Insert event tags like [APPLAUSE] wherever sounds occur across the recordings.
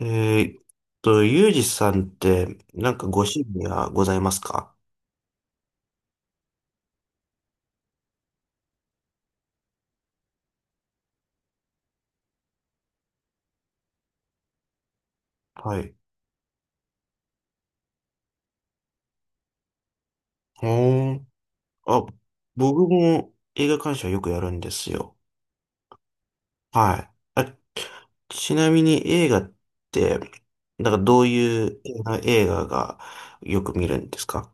えーっユージさんって、なんかご趣味はございますか？はい。ほーん。あ、僕も映画鑑賞よくやるんですよ。はい。あ、ちなみに映画って、なんかどういう映画がよく見るんですか？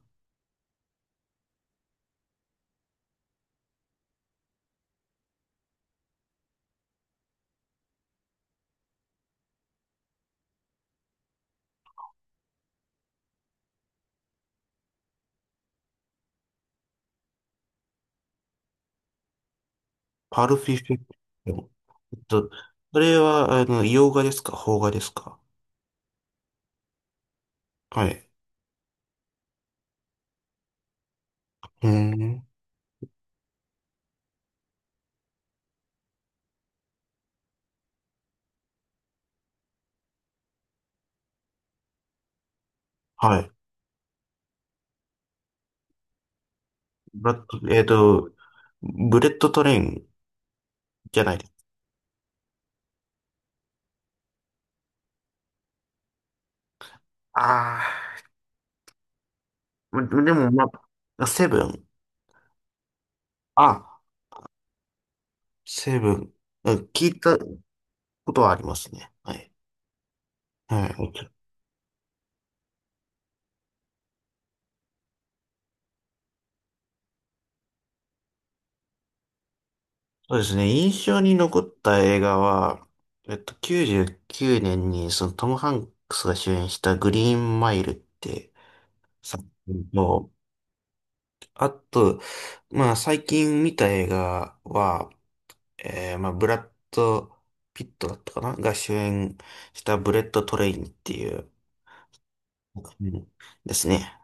パルフィフィえっと、それは、あの、洋画ですか邦画ですか？はい。うーん。はい。ブラッドブレッドトレインじゃないです。ああ。までも、まあ、セブン。あ、セブン。うん、聞いたことはありますね。はい。はい。そうですね。印象に残った映画は、99年に、そのトム・ハンクスが主演したグリーンマイルって作品と、あと、まあ、最近見た映画は、まあ、ブラッド・ピットだったかなが主演したブレット・トレインっていう作品ですね。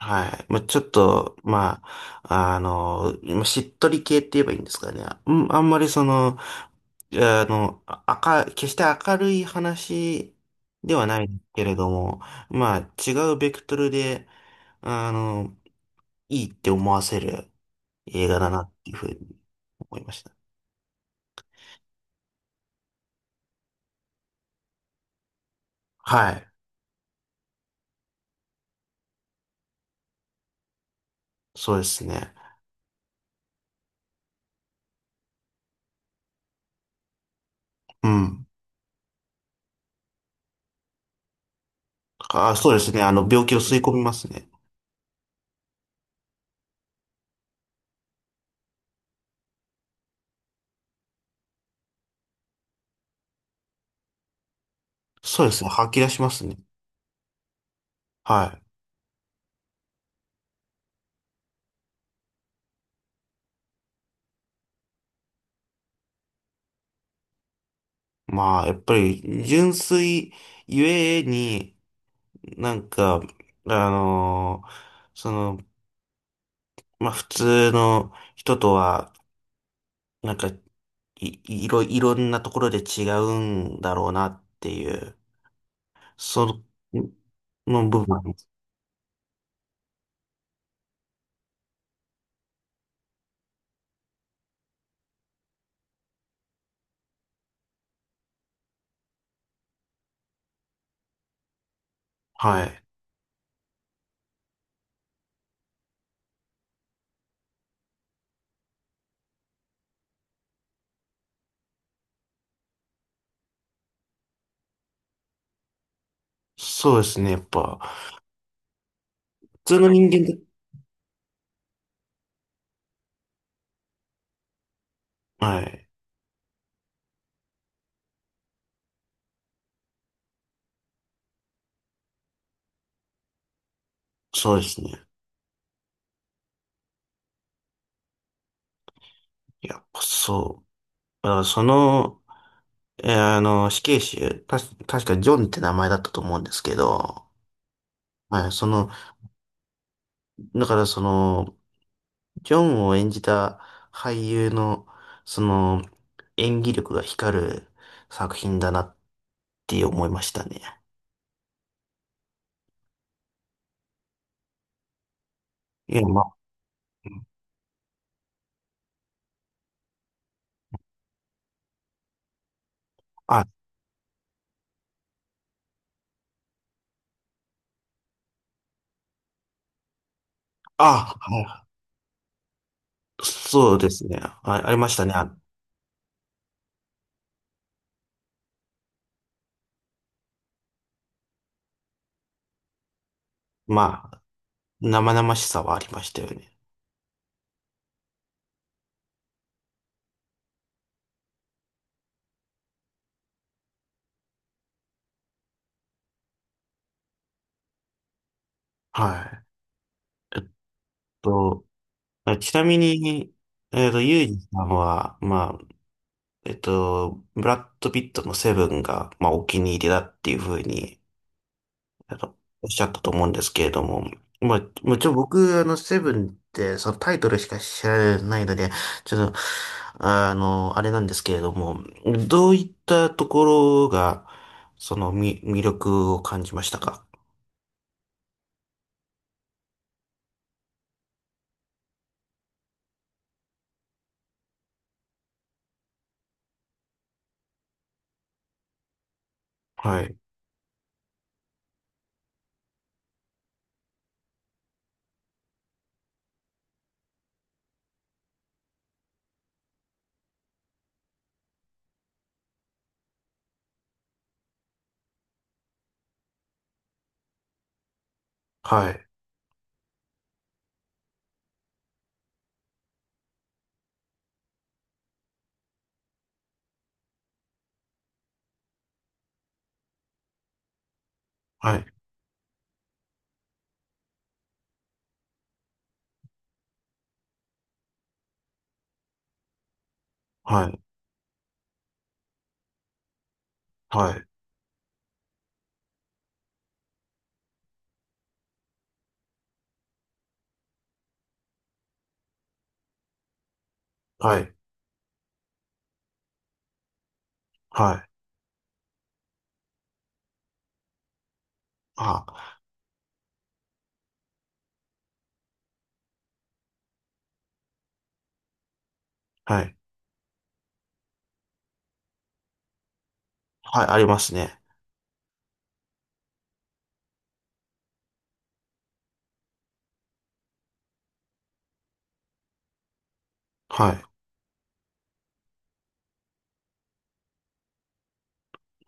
はい。まあ、ちょっと、まあ、あの、まあしっとり系って言えばいいんですかね。うん、あんまりその、あの、決して明るい話ではないけれども、まあ、違うベクトルで、あの、いいって思わせる映画だなっていうふうに思いました。はい。そうですね。うん。あ、そうですね。あの、病気を吸い込みますね。そうですね。吐き出しますね。はい。まあ、やっぱり、純粋ゆえに、なんか、あのーその、まあ、普通の人とは、なんか、い、いろんなところで違うんだろうなっていう、その、の部分。はい。そうですね、やっぱ。普通の人間で、はい。そうですね。やっぱそう。だからその、あの、死刑囚、確かジョンって名前だったと思うんですけど、はい、その、だからその、ジョンを演じた俳優の、その、演技力が光る作品だなって思いましたね。いや、まあ、あ、あ、はい、そうですね。あ、ありましたね。あまあ、生々しさはありましたよね。はい。と、あちなみに、ユージさんは、まあ、ブラッド・ピットのセブンが、まあ、お気に入りだっていうふうにあのおっしゃったと思うんですけれども、まあ、もちろん僕、あの、セブンって、そのタイトルしか知らないので、ちょっと、あの、あれなんですけれども、どういったところが、その、魅力を感じましたか？はい、はい、はい、はい、はい、はい、はい、あ、はい、はい、ありますね。は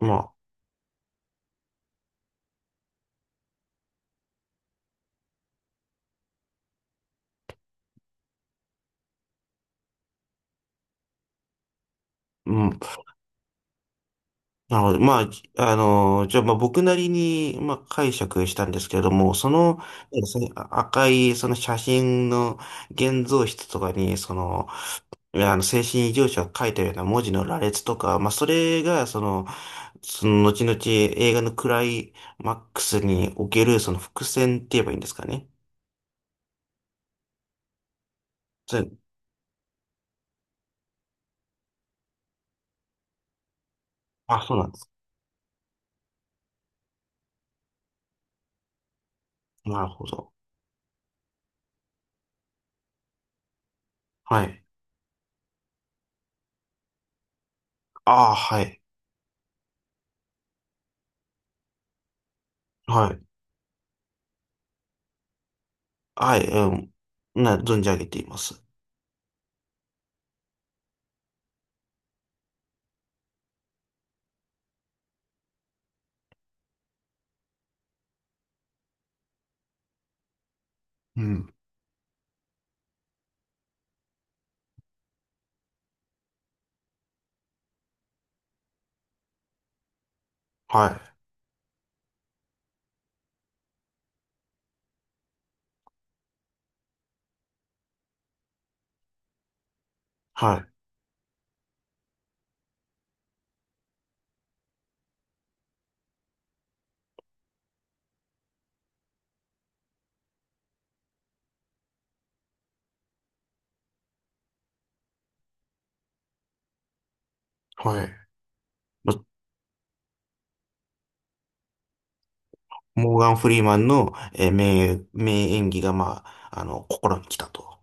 い。まあ、うん。なのでまあ、じゃあ、まあ、僕なりに、まあ、解釈したんですけれども、その、そのあ赤い、その写真の現像室とかに、その、いやあの、精神異常者を書いたような文字の羅列とか、まあ、それが、その、後々映画のクライマックスにおける、その伏線って言えばいいんですかね？それあ、そうなんです。なるほど。はい。ああ、はい。はい。はい、うん。存じ上げています。うん。はい。はい。はい。まモーガン・フリーマンの、名演技が、まあ、あの、心に来たと。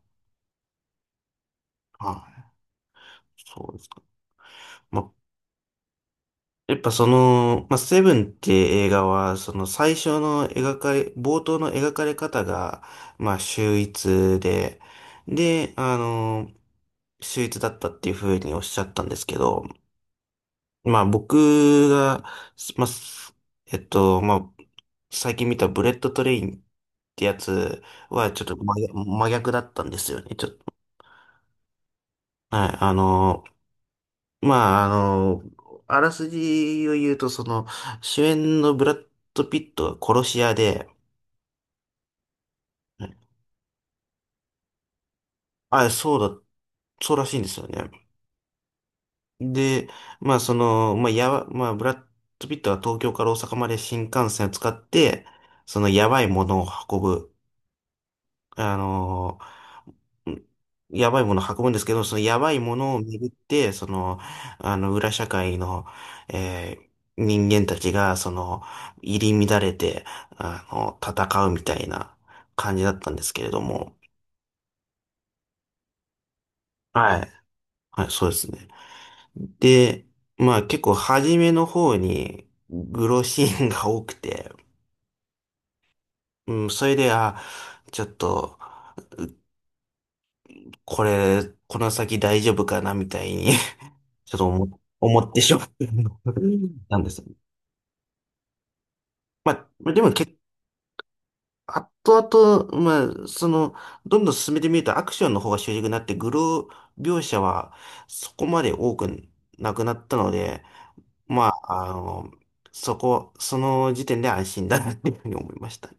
はい。そうですか。まあ、やっぱその、まあ、セブンって映画は、その最初の描かれ、冒頭の描かれ方が、まあ、秀逸で、で、あの、秀逸だったっていうふうにおっしゃったんですけど、まあ僕が、まあ、すえっと、まあ最近見たブレッドトレインってやつはちょっと真逆、真逆だったんですよね。ちょっと、はい、あの、まあ、あの、あらすじを言うと、その、主演のブラッド・ピットが殺し屋で、あ、そうだ、そうらしいんですよね。で、まあ、その、まあ、まあ、ブラッド・ピットは東京から大阪まで新幹線を使って、その、あのやばいものを運ぶんですけど、そのやばいものを巡って、その、あの、裏社会の、人間たちが、その、入り乱れて、あの、戦うみたいな感じだったんですけれども、はい。はい、そうですね。で、まあ結構初めの方に、グロシーンが多くて、うん、それで、あ、ちょっと、これ、この先大丈夫かな、みたいに [LAUGHS] ちょっと思ってしまったんです。まあ、でも結構、後々、まあ、その、どんどん進めてみるとアクションの方が主軸になって、グロー描写はそこまで多くなくなったので、まあ、あの、その時点で安心だなっていうふうに思いました。